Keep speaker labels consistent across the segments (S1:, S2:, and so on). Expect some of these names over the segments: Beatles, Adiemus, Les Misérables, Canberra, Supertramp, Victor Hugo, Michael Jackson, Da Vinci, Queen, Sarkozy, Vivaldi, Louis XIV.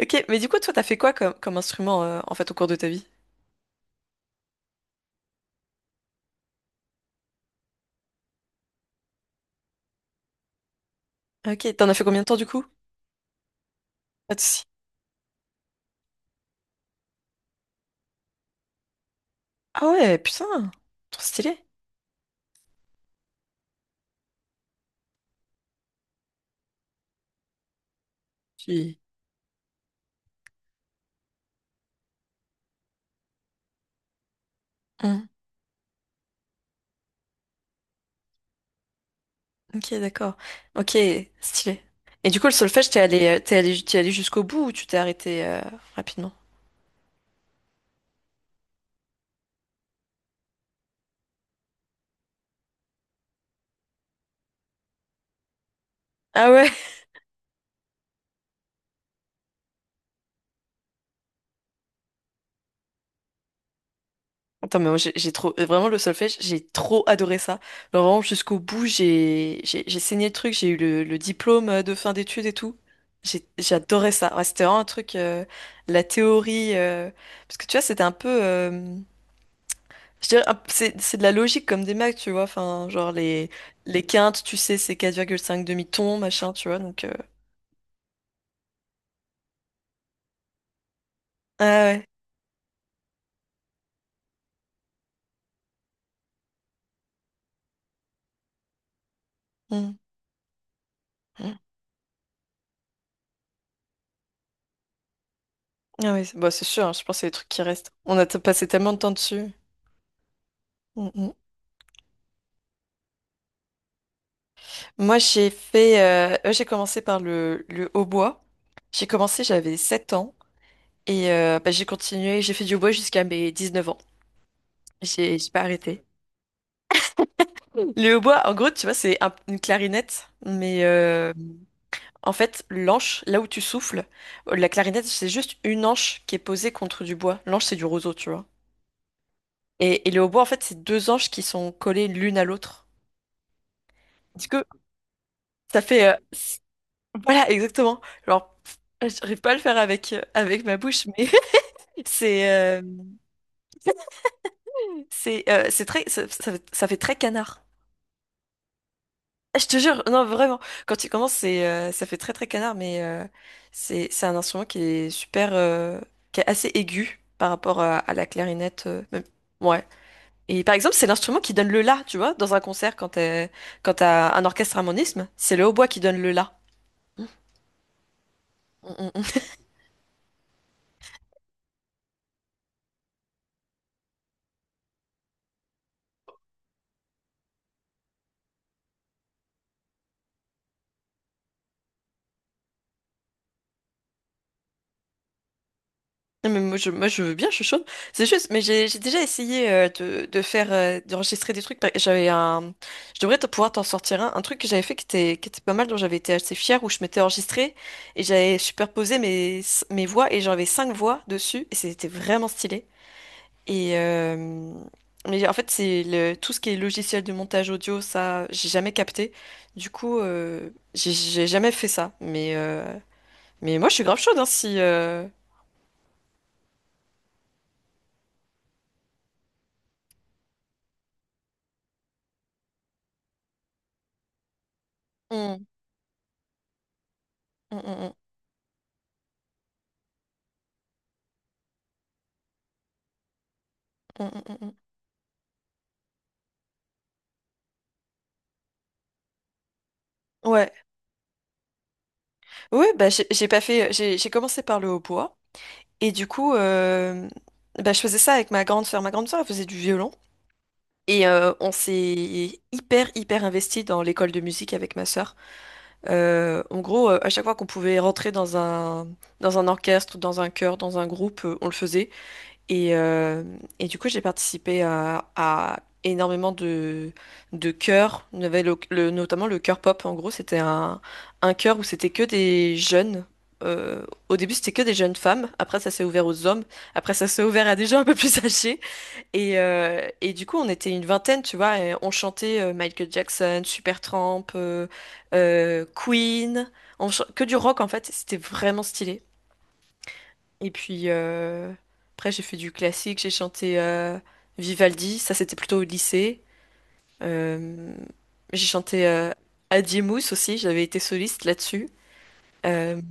S1: Ok, mais du coup, toi, t'as fait quoi comme instrument en fait au cours de ta vie? Ok, t'en as fait combien de temps du coup? Pas de soucis. Ah ouais, putain, trop stylé. Tu- Hmm. Ok, d'accord. Ok, stylé. Et du coup, le solfège, t'es allé jusqu'au bout ou tu t'es arrêté rapidement? Ah ouais, attends, mais moi, j'ai trop, vraiment le solfège, j'ai trop adoré ça. Genre vraiment jusqu'au bout, j'ai saigné le truc, j'ai eu le diplôme de fin d'études et tout. J'adorais ça. Ouais, c'était vraiment un truc, la théorie, parce que tu vois, c'était un peu, je dirais, c'est de la logique comme des maths, tu vois. Enfin, genre les quintes, tu sais, c'est 4,5 demi-tons, machin, tu vois. Donc, ah ouais. Mm, mm. Ah oui, c'est bah, c'est sûr, hein, je pense que c'est les trucs qui restent. On a passé tellement de temps dessus. Mm, mm. Moi, j'ai commencé par le hautbois. J'ai commencé, j'avais 7 ans et bah, j'ai continué, j'ai fait du hautbois jusqu'à mes 19 ans. J'ai pas arrêté. Le hautbois, en gros, tu vois, c'est une clarinette, mais en fait, l'anche, là où tu souffles, la clarinette, c'est juste une anche qui est posée contre du bois. L'anche, c'est du roseau, tu vois. Et le hautbois, en fait, c'est deux anches qui sont collées l'une à l'autre. Du coup, ça fait, voilà, exactement. Alors, pff, j'arrive pas à le faire avec ma bouche, mais C'est euh, c'est très, ça fait très canard. Ah, je te jure, non vraiment. Quand tu commences, c'est ça fait très très canard, mais c'est un instrument qui est super, qui est assez aigu par rapport à la clarinette, même. Ouais. Et par exemple, c'est l'instrument qui donne le la, tu vois, dans un concert quand t'as un orchestre harmonisme, c'est le hautbois qui donne le la. Non, mais moi je veux bien, je suis chaude. C'est juste, mais j'ai déjà essayé de faire d'enregistrer des trucs. J'avais un, je devrais te pouvoir t'en sortir un truc que j'avais fait qui était pas mal, dont j'avais été assez fière, où je m'étais enregistrée et j'avais superposé mes voix et j'avais cinq voix dessus et c'était vraiment stylé. Et mais en fait c'est le tout ce qui est logiciel de montage audio, ça j'ai jamais capté. Du coup j'ai jamais fait ça. Mais moi je suis grave chaude hein, si... Mm, mm, mm, mm. Mm, mm, mm, mm. Ouais, ouais, bah j'ai pas fait, j'ai commencé par le hautbois et du coup, bah, je faisais ça avec ma grande sœur. Ma grande sœur, elle faisait du violon et on s'est hyper hyper investi dans l'école de musique avec ma sœur. En gros, à chaque fois qu'on pouvait rentrer dans un orchestre, dans un chœur, dans un groupe, on le faisait. Et, euh, et du coup, j'ai participé à énormément de chœurs. Il y avait notamment le chœur pop. En gros, c'était un chœur où c'était que des jeunes. Euh, au début, c'était que des jeunes femmes. Après, ça s'est ouvert aux hommes. Après, ça s'est ouvert à des gens un peu plus âgés. Et du coup, on était une vingtaine, tu vois, et on chantait Michael Jackson, Supertramp, Queen. Que du rock, en fait. C'était vraiment stylé. Et puis après, j'ai fait du classique, j'ai chanté Vivaldi, ça c'était plutôt au lycée. Euh, j'ai chanté Adiemus aussi, j'avais été soliste là-dessus. Euh,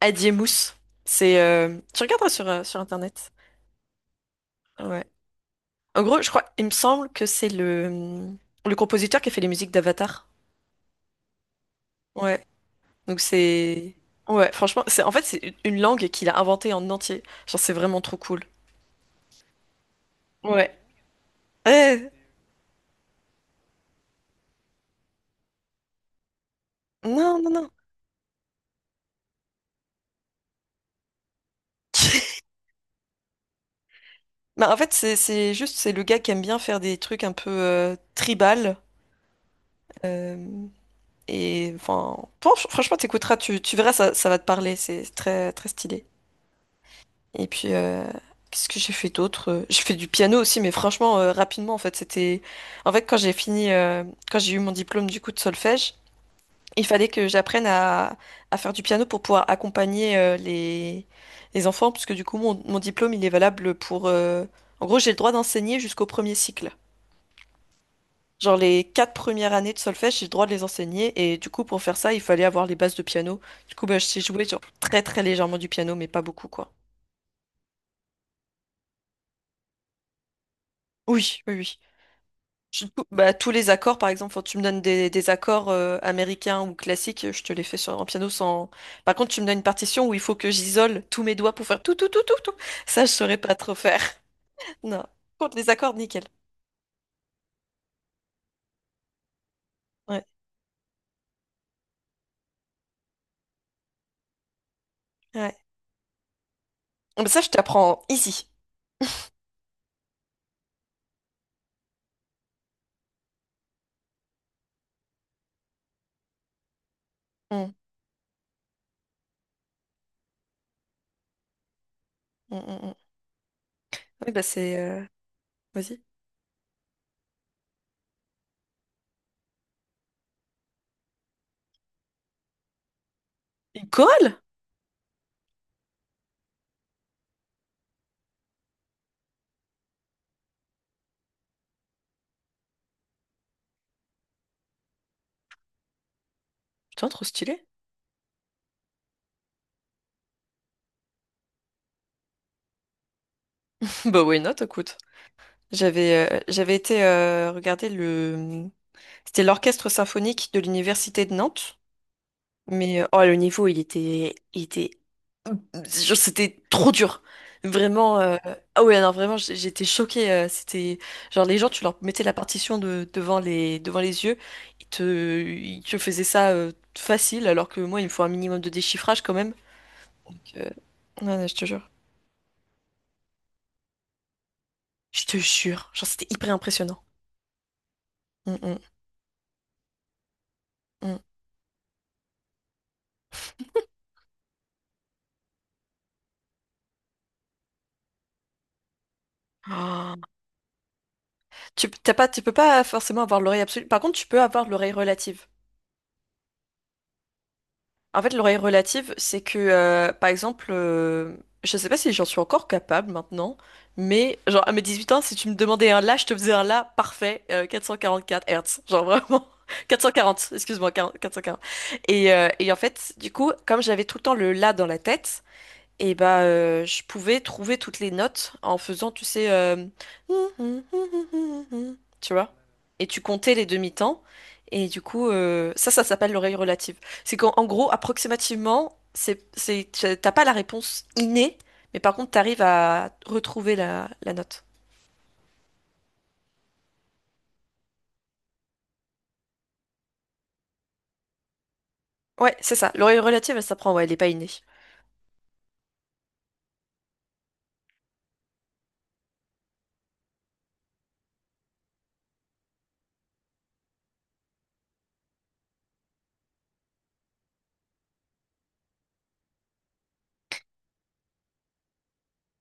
S1: Adiemus, c'est... tu regarderas sur Internet. Ouais. En gros, je crois, il me semble que c'est le compositeur qui a fait les musiques d'Avatar. Ouais. Donc c'est... Ouais, franchement, c'est en fait, c'est une langue qu'il a inventée en entier. Genre, c'est vraiment trop cool. Ouais. Eh, non, non, non. Bah, en fait, c'est juste, c'est le gars qui aime bien faire des trucs un peu tribal. euh, et enfin, franchement, t'écouteras, tu verras, ça va te parler. C'est très, très stylé. Et puis, qu'est-ce que j'ai fait d'autre? J'ai fait du piano aussi, mais franchement, rapidement, en fait, c'était. En fait, quand j'ai fini, quand j'ai eu mon diplôme du coup de solfège, il fallait que j'apprenne à faire du piano pour pouvoir accompagner les enfants, puisque du coup, mon diplôme, il est valable pour. En gros, j'ai le droit d'enseigner jusqu'au premier cycle. Genre les quatre premières années de solfège, j'ai le droit de les enseigner et du coup pour faire ça, il fallait avoir les bases de piano. Du coup, bah, je sais jouer genre très très légèrement du piano, mais pas beaucoup quoi. Oui, oui, oui. Bah, tous les accords, par exemple, quand tu me donnes des accords américains ou classiques, je te les fais sur un piano sans. Par contre, tu me donnes une partition où il faut que j'isole tous mes doigts pour faire tout tout tout tout tout. Ça, je saurais pas trop faire. Non. Par contre, les accords, nickel. Ouais, ouais. Mais ça, je t'apprends ici. Mm, mm, mm, mm. Oui, bah c'est. Vas-y. Une chorale? Putain, trop stylé. Bah why not, écoute. J'avais été regarder le c'était l'orchestre symphonique de l'université de Nantes, mais oh le niveau il était genre, c'était trop dur. Vraiment, ah ouais non vraiment j'étais choquée, c'était genre les gens tu leur mettais la partition devant les yeux, ils te faisaient ça facile alors que moi il me faut un minimum de déchiffrage quand même. Donc, ouais, ouais, je te jure. Je te jure. Genre, c'était hyper impressionnant. Mm, mm, mm. Oh. T'as pas, tu peux pas forcément avoir l'oreille absolue. Par contre, tu peux avoir l'oreille relative. En fait, l'oreille relative, c'est que, par exemple, je sais pas si j'en suis encore capable maintenant, mais genre à mes 18 ans, si tu me demandais un la, je te faisais un la parfait, 444 Hertz. Genre vraiment. 440, excuse-moi, 40 440. Et en fait, du coup, comme j'avais tout le temps le la dans la tête, et bah, je pouvais trouver toutes les notes en faisant, tu sais, tu vois. Et tu comptais les demi-temps. Et du coup, ça, ça s'appelle l'oreille relative. C'est qu'en en gros, approximativement, t'as pas la réponse innée, mais par contre, t'arrives à retrouver la note. Ouais, c'est ça. L'oreille relative, elle s'apprend, ouais, elle est pas innée.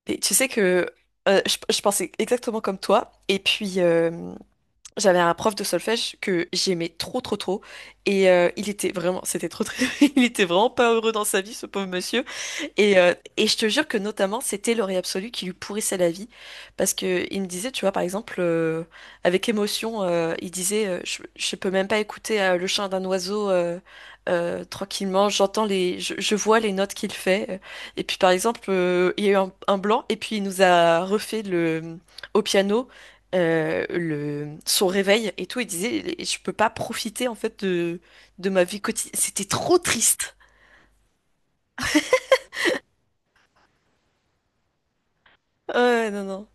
S1: Et tu sais que je pensais exactement comme toi. Et puis, j'avais un prof de solfège que j'aimais trop trop trop et il était vraiment c'était trop très il était vraiment pas heureux dans sa vie ce pauvre monsieur et je te jure que notamment, c'était l'oreille absolue qui lui pourrissait la vie. Parce que il me disait, tu vois, par exemple, avec émotion, il disait, je peux même pas écouter le chant d'un oiseau, tranquillement, j'entends les, je vois les notes qu'il fait. Et puis, par exemple, il y a eu un blanc, et puis il nous a refait le, au piano. Le, son réveil et tout, il disait, je peux pas profiter en fait de ma vie quotidienne. C'était trop triste. Ouais, ouais, non, non.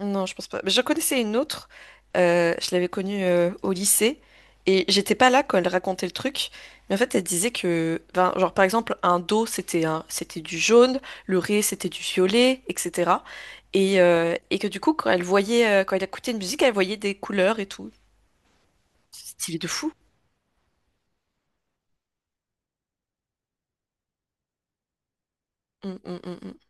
S1: Non, je pense pas. Mais j'en connaissais une autre. Je l'avais connue au lycée et j'étais pas là quand elle racontait le truc. Mais en fait, elle disait que, ben, genre par exemple, un do c'était c'était du jaune, le ré c'était du violet, etc. Et que du coup, quand elle écoutait une musique, elle voyait des couleurs et tout. C'est stylé de fou. Mm, mm, mm, mm.